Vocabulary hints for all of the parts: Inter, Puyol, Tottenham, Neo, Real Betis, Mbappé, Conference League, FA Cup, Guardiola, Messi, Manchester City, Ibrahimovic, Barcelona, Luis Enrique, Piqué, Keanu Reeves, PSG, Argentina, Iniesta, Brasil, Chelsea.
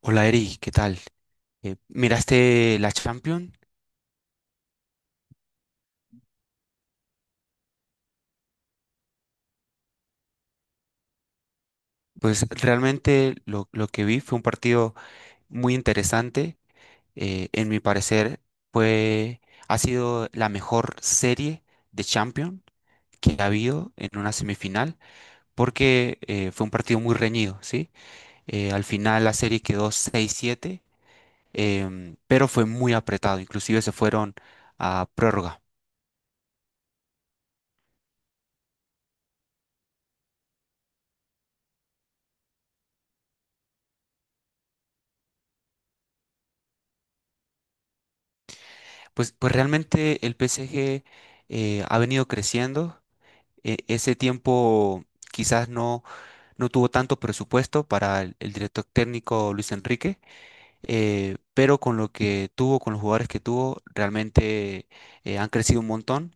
Hola Eri, ¿qué tal? ¿Miraste la Champions? Pues realmente lo que vi fue un partido muy interesante. En mi parecer, fue, ha sido la mejor serie de Champions que ha habido en una semifinal, porque fue un partido muy reñido, ¿sí? Al final la serie quedó seis siete, pero fue muy apretado, inclusive se fueron a prórroga. Pues realmente el PSG ha venido creciendo ese tiempo quizás no, no tuvo tanto presupuesto para el director técnico Luis Enrique, pero con lo que tuvo, con los jugadores que tuvo, realmente han crecido un montón.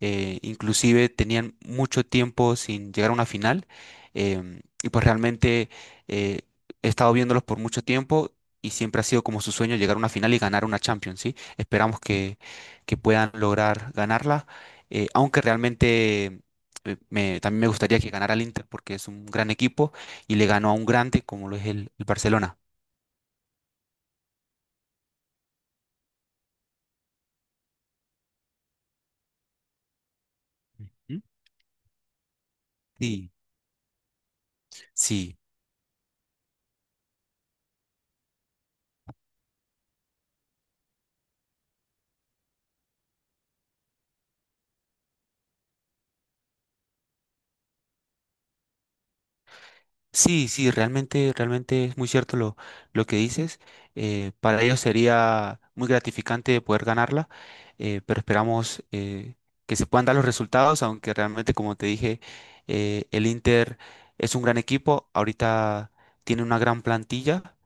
Inclusive tenían mucho tiempo sin llegar a una final, y pues realmente eh, he estado viéndolos por mucho tiempo y siempre ha sido como su sueño llegar a una final y ganar una Champions, ¿sí? Esperamos que puedan lograr ganarla, aunque realmente, también me gustaría que ganara el Inter porque es un gran equipo y le ganó a un grande como lo es el Barcelona. ¿Mm? Sí. Sí, sí, sí, realmente, realmente es muy cierto lo que dices. Para ellos sería muy gratificante poder ganarla, pero esperamos que se puedan dar los resultados, aunque realmente, como te dije, el Inter es un gran equipo, ahorita tiene una gran plantilla,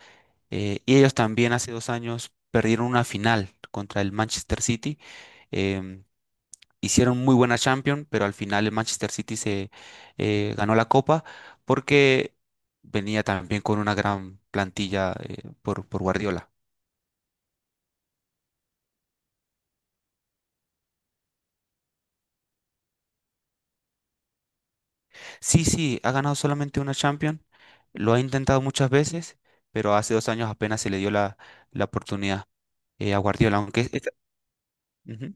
y ellos también hace dos años perdieron una final contra el Manchester City. em, Hicieron muy buena Champions, pero al final el Manchester City se ganó la copa porque venía también con una gran plantilla por Guardiola. Sí, sí, ha ganado solamente una Champions, lo ha intentado muchas veces, pero hace dos años apenas se le dio la, la oportunidad a Guardiola, aunque esta, Ujú.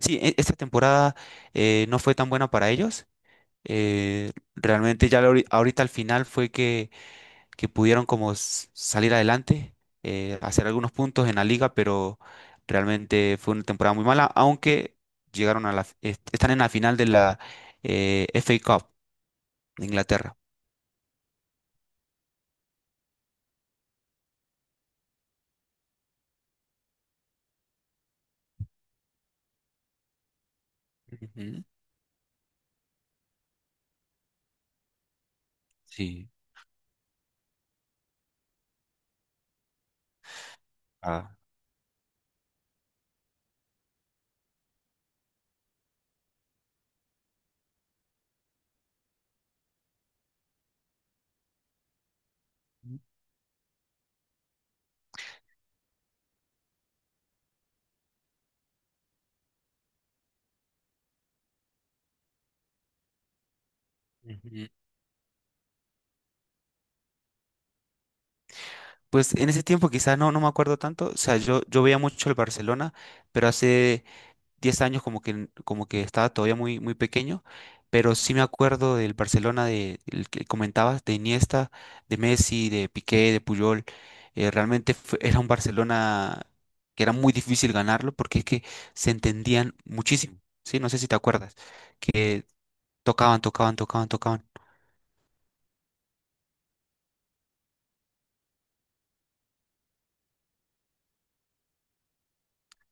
Sí, esta temporada no fue tan buena para ellos. Realmente ya ahorita al final fue que pudieron como salir adelante, hacer algunos puntos en la liga, pero realmente fue una temporada muy mala, aunque llegaron a la, están en la final de la FA Cup de Inglaterra. Ujú. Sí. Ah. Ujú. Pues en ese tiempo quizás no, no me acuerdo tanto, o sea, yo veía mucho el Barcelona, pero hace 10 años como que estaba todavía muy, muy pequeño, pero sí me acuerdo del Barcelona de, el que comentabas, de Iniesta, de Messi, de Piqué, de Puyol. Realmente era un Barcelona que era muy difícil ganarlo porque es que se entendían muchísimo, ¿sí? No sé si te acuerdas, que tocaban, tocaban, tocaban, tocaban.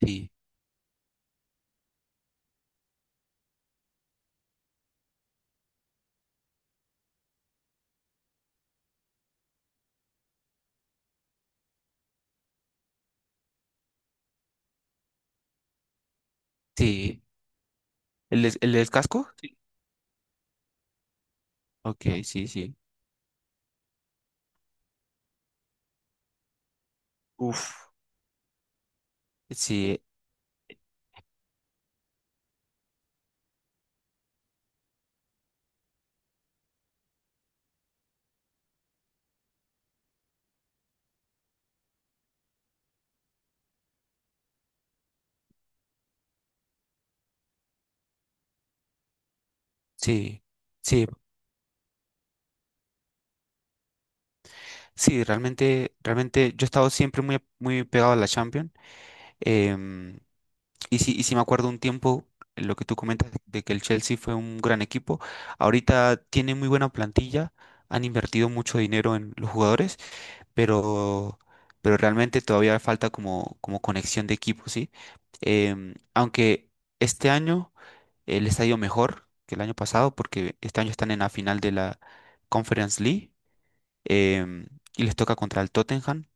Sí, sí. ¿El, el del casco? Sí. Ok, sí, sí. Uf. Sí, sí. Sí, sí, realmente, realmente yo he estado siempre muy, muy pegado a la Champions. em, y sí, y sí me acuerdo un tiempo lo que tú comentas de que el Chelsea fue un gran equipo. Ahorita tiene muy buena plantilla, han invertido mucho dinero en los jugadores, pero, pero realmente todavía falta como, como conexión de equipo, ¿sí? Em, aunque este año les ha ido mejor que el año pasado, porque este año están en la final de la Conference League. em, y les toca contra el Tottenham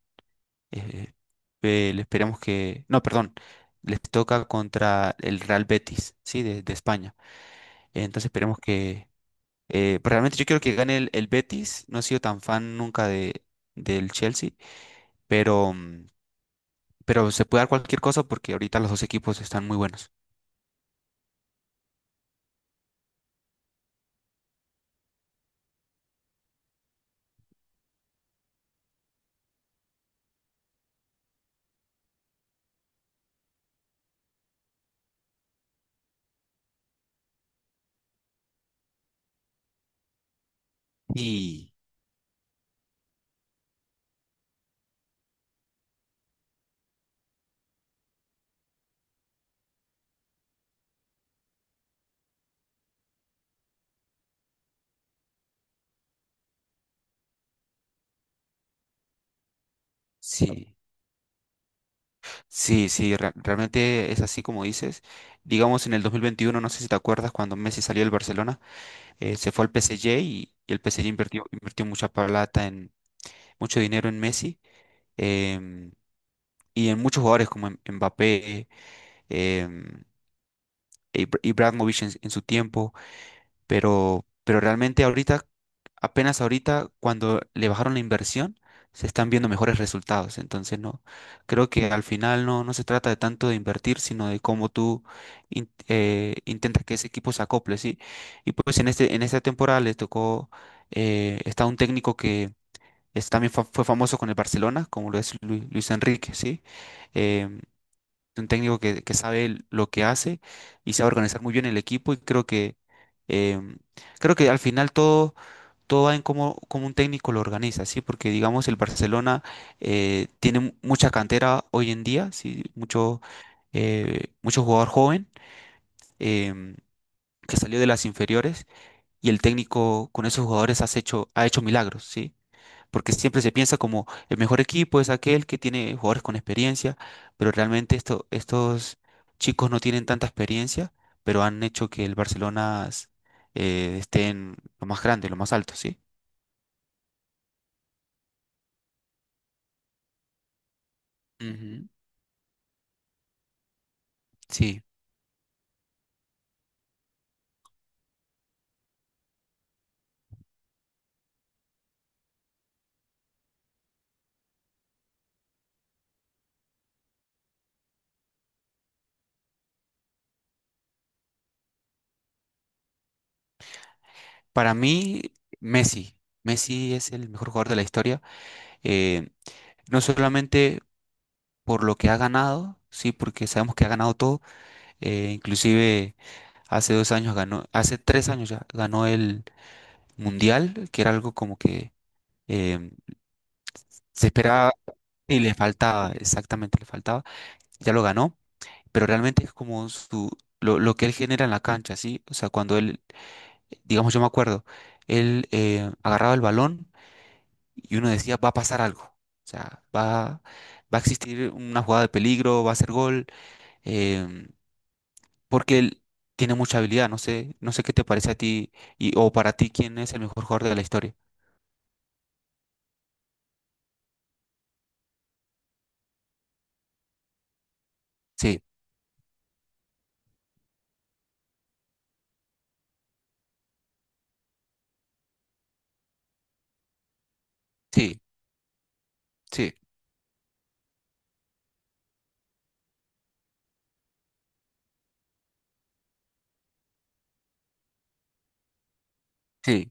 eh, le esperamos que. No, perdón. Les toca contra el Real Betis, sí, de España. Entonces esperemos que. Pues realmente yo quiero que gane el Betis. No he sido tan fan nunca de, del Chelsea, pero, pero se puede dar cualquier cosa porque ahorita los dos equipos están muy buenos. Y sí, sí, sí, realmente es así como dices. Digamos en el 2021 no sé si te acuerdas, cuando Messi salió del Barcelona, se fue al PSG y el PSG invirtió, invirtió mucha plata en mucho dinero en Messi, em, y en muchos jugadores como Mbappé, em, e Ibrahimovic en su tiempo, pero realmente ahorita, apenas ahorita, cuando le bajaron la inversión, se están viendo mejores resultados. Entonces, no, creo que al final no, no se trata de tanto de invertir, sino de cómo tú intentas que ese equipo se acople, ¿sí? Y pues en este, en esta temporada les tocó, está un técnico también fue famoso con el Barcelona, como lo es Luis Enrique, ¿sí? Em, un técnico que sabe lo que hace y sabe organizar muy bien el equipo y creo que, em, creo que al final todo, todo va en cómo, cómo un técnico lo organiza, ¿sí? Porque digamos el Barcelona tiene mucha cantera hoy en día, ¿sí? Mucho, mucho jugador joven, em, que salió de las inferiores y el técnico con esos jugadores has hecho, ha hecho milagros, ¿sí? Porque siempre se piensa como el mejor equipo es aquel que tiene jugadores con experiencia, pero realmente esto, estos chicos no tienen tanta experiencia, pero han hecho que el Barcelona esté en lo más grande, lo más alto, ¿sí? Ujú, sí, para mí Messi, Messi es el mejor jugador de la historia, eh, no solamente por lo que ha ganado, sí, porque sabemos que ha ganado todo, inclusive hace dos años ganó, hace tres años ya ganó mundial, que era algo como que, em, se esperaba y le faltaba, exactamente le faltaba, ya lo ganó, pero realmente es como su, lo que él genera en la cancha, ¿sí? O sea, cuando él, digamos, yo me acuerdo, él agarraba el balón y uno decía, va a pasar algo, o sea, va, va a existir una jugada de peligro, va a ser gol, em, porque él tiene mucha habilidad, no sé, no sé qué te parece a ti y, o para ti quién es el mejor jugador de la historia. Sí, sí, sí, sí,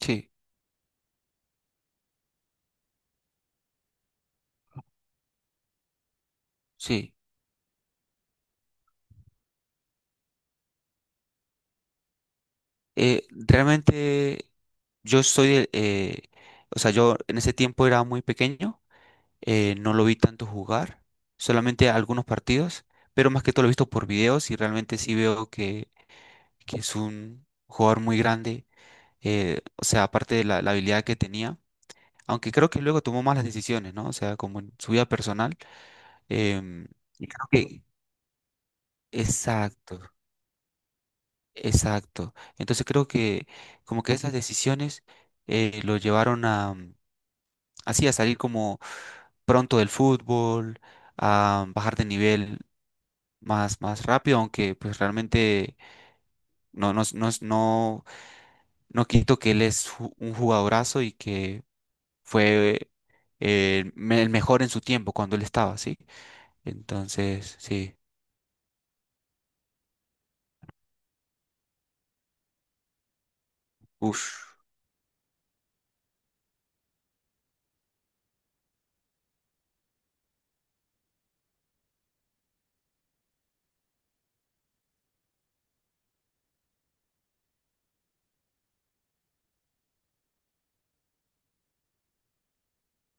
sí. Sí, realmente yo soy, o sea, yo en ese tiempo era muy pequeño, no lo vi tanto jugar, solamente algunos partidos, pero más que todo lo he visto por videos y realmente sí veo que es un jugador muy grande, o sea, aparte de la, la habilidad que tenía, aunque creo que luego tomó malas decisiones, ¿no? O sea, como en su vida personal, em, y creo que... Exacto. Exacto. Entonces creo que como que esas decisiones lo llevaron a así a salir como pronto del fútbol, a bajar de nivel más, más rápido, aunque pues realmente no, no, no, no, no quito que él es un jugadorazo y que fue el mejor en su tiempo cuando él estaba, ¿sí? Entonces, sí. Ush.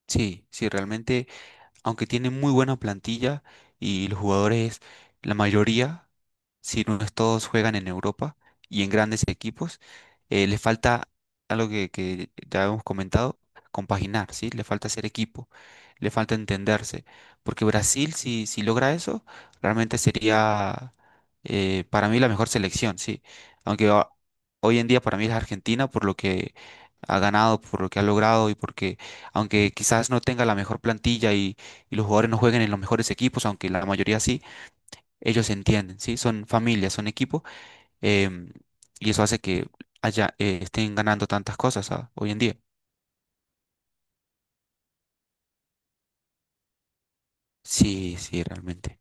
Sí, sí, realmente. Aunque tiene muy buena plantilla y los jugadores, la mayoría, si no es todos, juegan en Europa y en grandes equipos, le falta algo que ya hemos comentado, compaginar, ¿sí? Le falta ser equipo, le falta entenderse, porque Brasil, si, si logra eso, realmente sería para mí la mejor selección, ¿sí? Aunque hoy en día para mí es Argentina, por lo que ha ganado, por lo que ha logrado y porque aunque quizás no tenga la mejor plantilla y los jugadores no jueguen en los mejores equipos, aunque la mayoría sí, ellos se entienden, ¿sí? Son familias, son equipo, em, y eso hace que haya, estén ganando tantas cosas, ah, hoy en día. Sí, sí, realmente.